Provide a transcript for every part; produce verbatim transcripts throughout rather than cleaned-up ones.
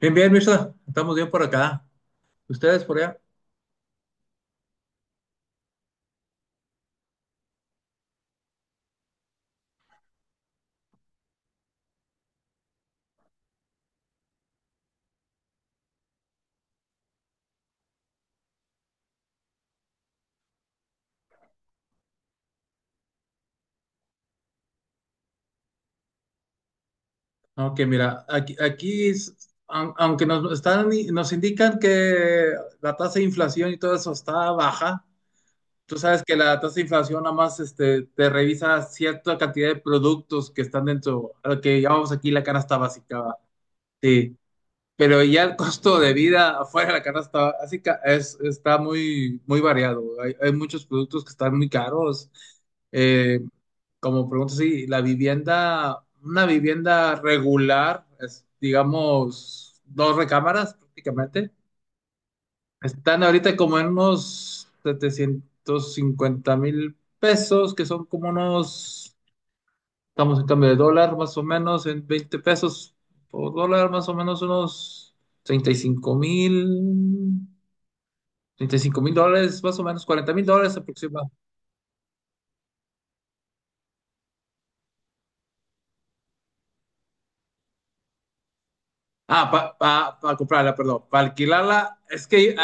Bien, bien, Mirza, estamos bien por acá. ¿Ustedes por allá? Aunque mira, aquí, aquí es- aun- aunque nos están, nos indican que la tasa de inflación y todo eso está baja. Tú sabes que la tasa de inflación nada más este, te revisa cierta cantidad de productos que están dentro, a lo que llamamos aquí la canasta básica. ¿va? Sí. Pero ya el costo de vida afuera de la canasta, así que es, está muy, muy variado. Hay, hay muchos productos que están muy caros. Eh, como pregunto, sí, la vivienda, una vivienda regular, es, digamos, dos recámaras prácticamente, están ahorita como en unos setecientos cincuenta mil pesos, que son como unos... estamos en cambio de dólar, más o menos, en veinte pesos por dólar, más o menos unos treinta y cinco mil, treinta y cinco mil dólares, más o menos cuarenta mil dólares aproximadamente. Ah, para pa, pa pa comprarla, perdón, para alquilarla, es que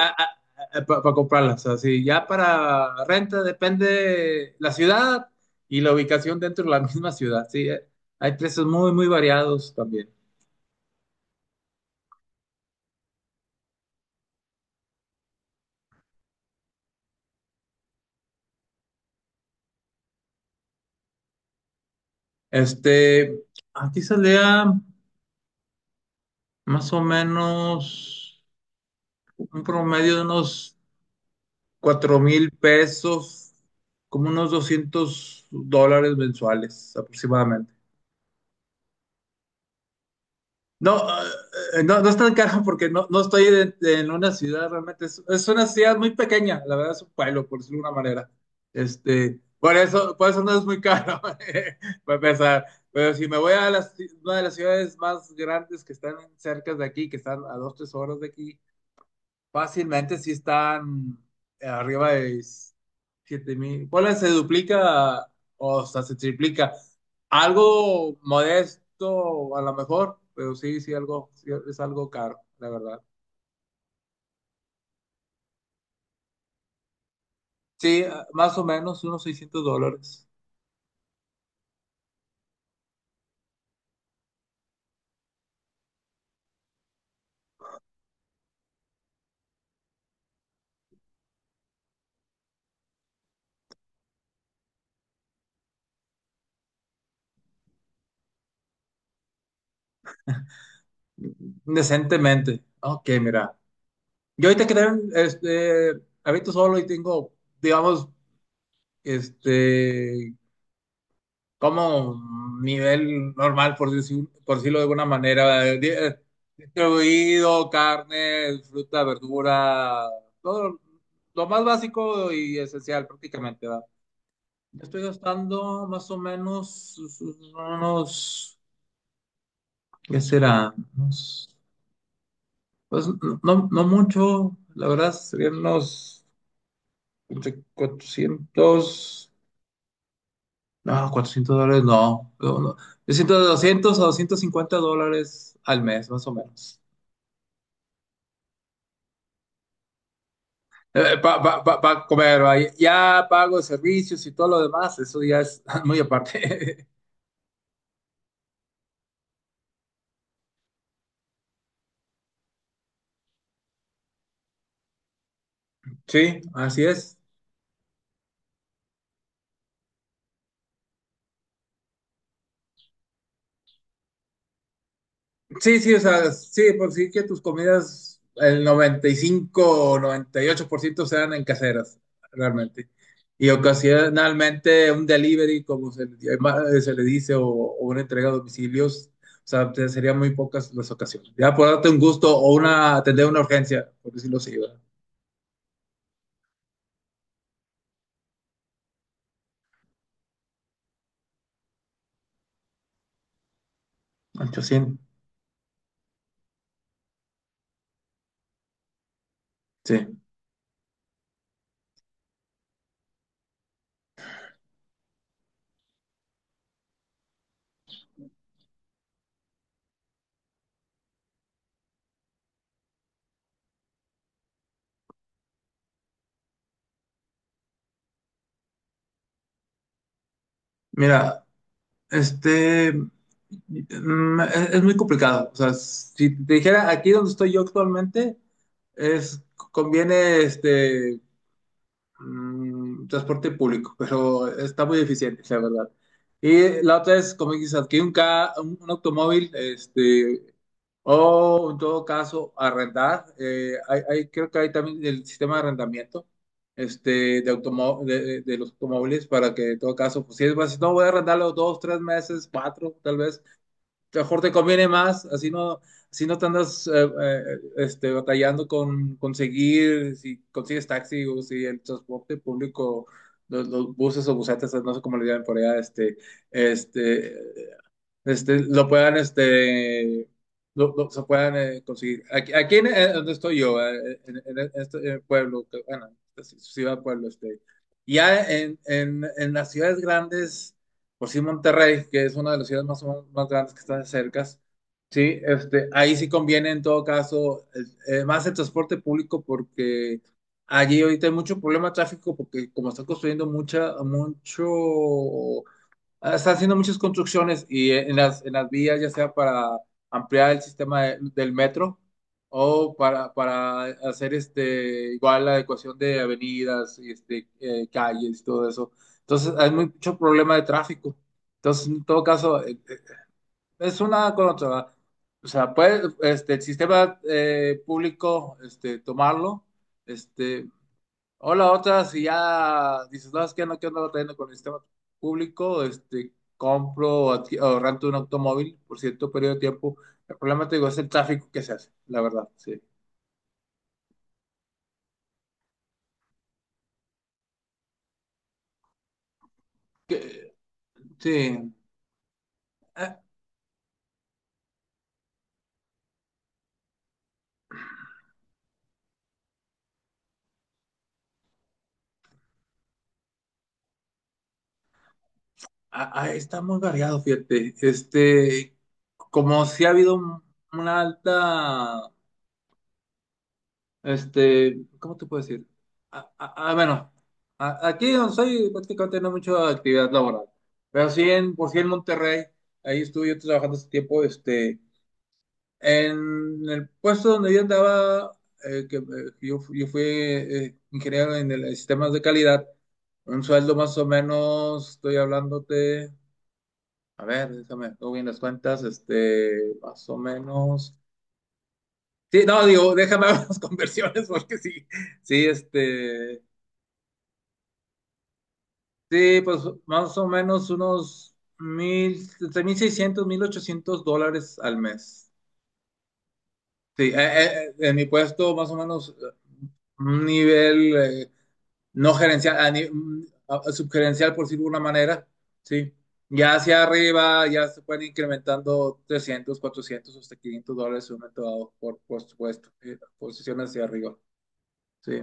para comprarla, o sea, sí. Ya para renta depende la ciudad y la ubicación dentro de la misma ciudad. Sí, eh, hay precios muy, muy variados también. Este, aquí salía más o menos, un promedio de unos cuatro mil pesos, como unos doscientos dólares mensuales aproximadamente. No, eh, no, no es tan caro porque no, no estoy en, en una ciudad realmente. Es, es una ciudad muy pequeña, la verdad, es un pueblo, por decirlo de una manera. Este, por eso, por eso no es muy caro, para empezar. Pero si me voy a las ci- una de las ciudades más grandes que están cerca de aquí, que están a dos, tres horas de aquí, fácilmente sí están eh, arriba de siete mil. ¿Cuál? Se duplica, o sea, se triplica. Algo modesto, a lo mejor, pero sí, sí, algo, sí, es algo caro, la verdad. Sí, ah, más o menos unos seiscientos dólares. Decentemente. Ok, mira. Yo ahorita que tengo, este, habito solo y tengo, digamos, este, como un nivel normal, por decir- por decirlo de alguna manera, eh, di- eh, distribuido, carne, fruta, verdura, todo lo más básico y esencial prácticamente, ¿va? Yo estoy gastando más o menos unos... ¿qué será? Unos- pues no, no mucho, la verdad, serían unos cuatrocientos. No, cuatrocientos dólares no. No, no. Yo siento de doscientos a doscientos cincuenta dólares al mes, más o menos. Para comer, va. Ya pago servicios y todo lo demás, eso ya es muy aparte. Sí, así es. Sí, sí, o sea, sí, por sí que tus comidas, el noventa y cinco o noventa y ocho por ciento sean en caseras, realmente. Y ocasionalmente un delivery, como se, le llama- se le dice, o, o una entrega a domicilios, o sea, te- serían muy pocas las ocasiones. Ya por darte un gusto o una, atender una urgencia, por decirlo así, ¿verdad? ochocientos, sí. Mira. Este, mm, es, es muy complicado. O sea, si te dijera aquí donde estoy yo actualmente, es, conviene este mm, transporte público, pero está muy eficiente, la verdad. Y la otra es, como dices, adquirir un, ca- un, un automóvil, este, o en todo caso, arrendar. eh, hay, hay- creo que hay también el sistema de arrendamiento, este, de, automo- de, de los automóviles, para que en todo caso, pues si es más, si no voy a arrendarlo dos, tres meses, cuatro, tal vez. Mejor te conviene más, así no, así no te andas eh, eh, este, batallando con conseguir, si consigues taxi o si el transporte público, los, los buses o busetas, no sé cómo le llaman por allá. Este, este, este, lo puedan, este, lo, lo- se puedan eh, conseguir. Aquí, aquí en, eh, donde estoy yo, eh, en, en este eh, pueblo, que, bueno, es ciudad, pueblo. Este, ya en, en, en las ciudades grandes, por sí Monterrey, que es una de las ciudades más, o menos más grandes que están cerca. Sí, este, ahí sí conviene en todo caso eh, eh, más el transporte público porque allí ahorita hay mucho problema de tráfico porque como están construyendo mucha, mucho... ah, están haciendo muchas construcciones y eh, en las, en las vías, ya sea para ampliar el sistema de- del metro, o para, para hacer este, igual la adecuación de avenidas, y este, eh, calles y todo eso. Entonces, hay mucho problema de tráfico. Entonces, en todo caso, eh, eh, es una con otra. O sea, puede este, el sistema eh, público este, tomarlo, este, o la otra. Si ya dices, no, es que no quiero andar batallando con el sistema público, este, compro o, adqui- o rento un automóvil por cierto periodo de tiempo. El problema, te digo, es el tráfico que se hace, la verdad, sí. Que- sí. Ah, ah, ah, está muy variado, fíjate. Este, como si ha habido un- una alta... Este, ¿cómo te puedo decir? Ah, ah, ah, bueno, a- aquí donde soy prácticamente no hay mucha actividad laboral, pero sí en, por sí en Monterrey, ahí estuve yo trabajando hace tiempo. este, en el puesto donde yo andaba, eh, que, eh, yo, fu- yo fui eh, ingeniero en el- en sistemas de calidad, un sueldo más o menos, estoy hablándote, a ver, déjame, hago bien las cuentas, este, más o menos, sí, no, digo, déjame ver las conversiones porque sí, sí, este... Sí, pues más o menos unos mil, entre mil ochocientos dólares al mes. Sí, eh, eh, eh, en mi puesto más o menos eh, un nivel eh, no gerencial, a ni- mm, a- subgerencial, por decirlo de una manera, sí. Ya hacia arriba ya se pueden ir incrementando trescientos, cuatrocientos, hasta quinientos dólares en un momento dado, por, por supuesto, eh, posiciones hacia arriba. Sí,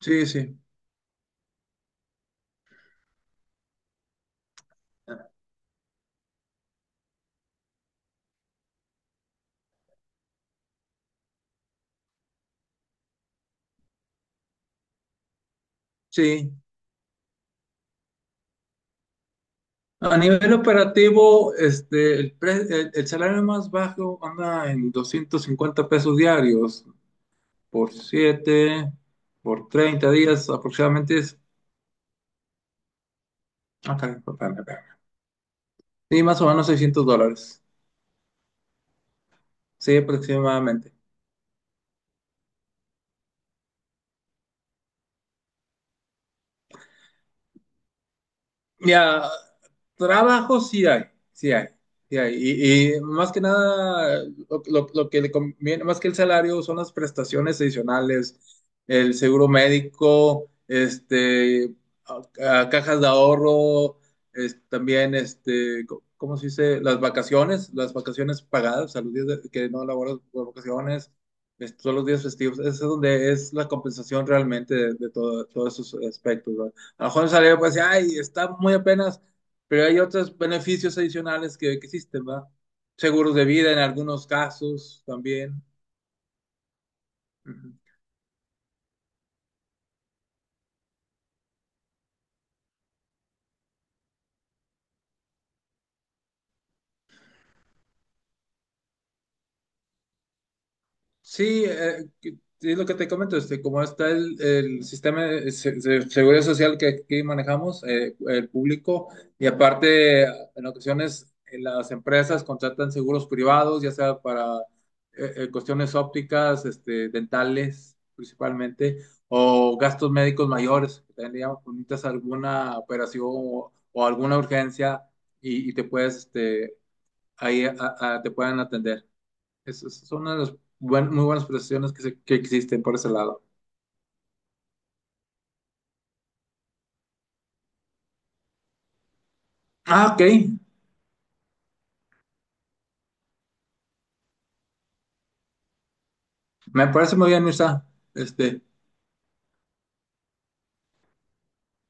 sí, sí. Sí, a nivel operativo, este, el, pre- el- el salario más bajo anda en doscientos cincuenta pesos diarios por siete, por treinta días aproximadamente es... ah, caray, espérame, espérame. Sí, más o menos seiscientos dólares. Sí, aproximadamente. Ya, trabajo sí hay, sí hay, sí hay. Y, y más que nada, lo, lo- lo que le conviene, más que el salario, son las prestaciones adicionales, el seguro médico, este, a- a cajas de ahorro, es- también, este, co- ¿cómo se dice? Las vacaciones, las vacaciones pagadas, o sea, los días de- que no laboras por vacaciones, es- todos los días festivos. Eso es donde es la compensación realmente de, de todo- todos esos aspectos, ¿no? A lo mejor salió, pues, ay, está muy apenas, pero hay otros beneficios adicionales que, que existen, ¿va? Seguros de vida en algunos casos también. Sí, eh, que- es lo que te comento. este, como está el, el sistema de se- de seguridad social que aquí manejamos, eh, el público, y aparte, en ocasiones eh, las empresas contratan seguros privados, ya sea para eh, eh, cuestiones ópticas, este, dentales principalmente, o gastos médicos mayores, que también digamos, cuando necesitas alguna operación o, o alguna urgencia, y, y te puedes, este, ahí a- a- te pueden atender. Es, es una de las buen- muy buenas profesiones que, se- que existen por ese lado. Ah, ok. Me parece muy bien, Mirza. Este,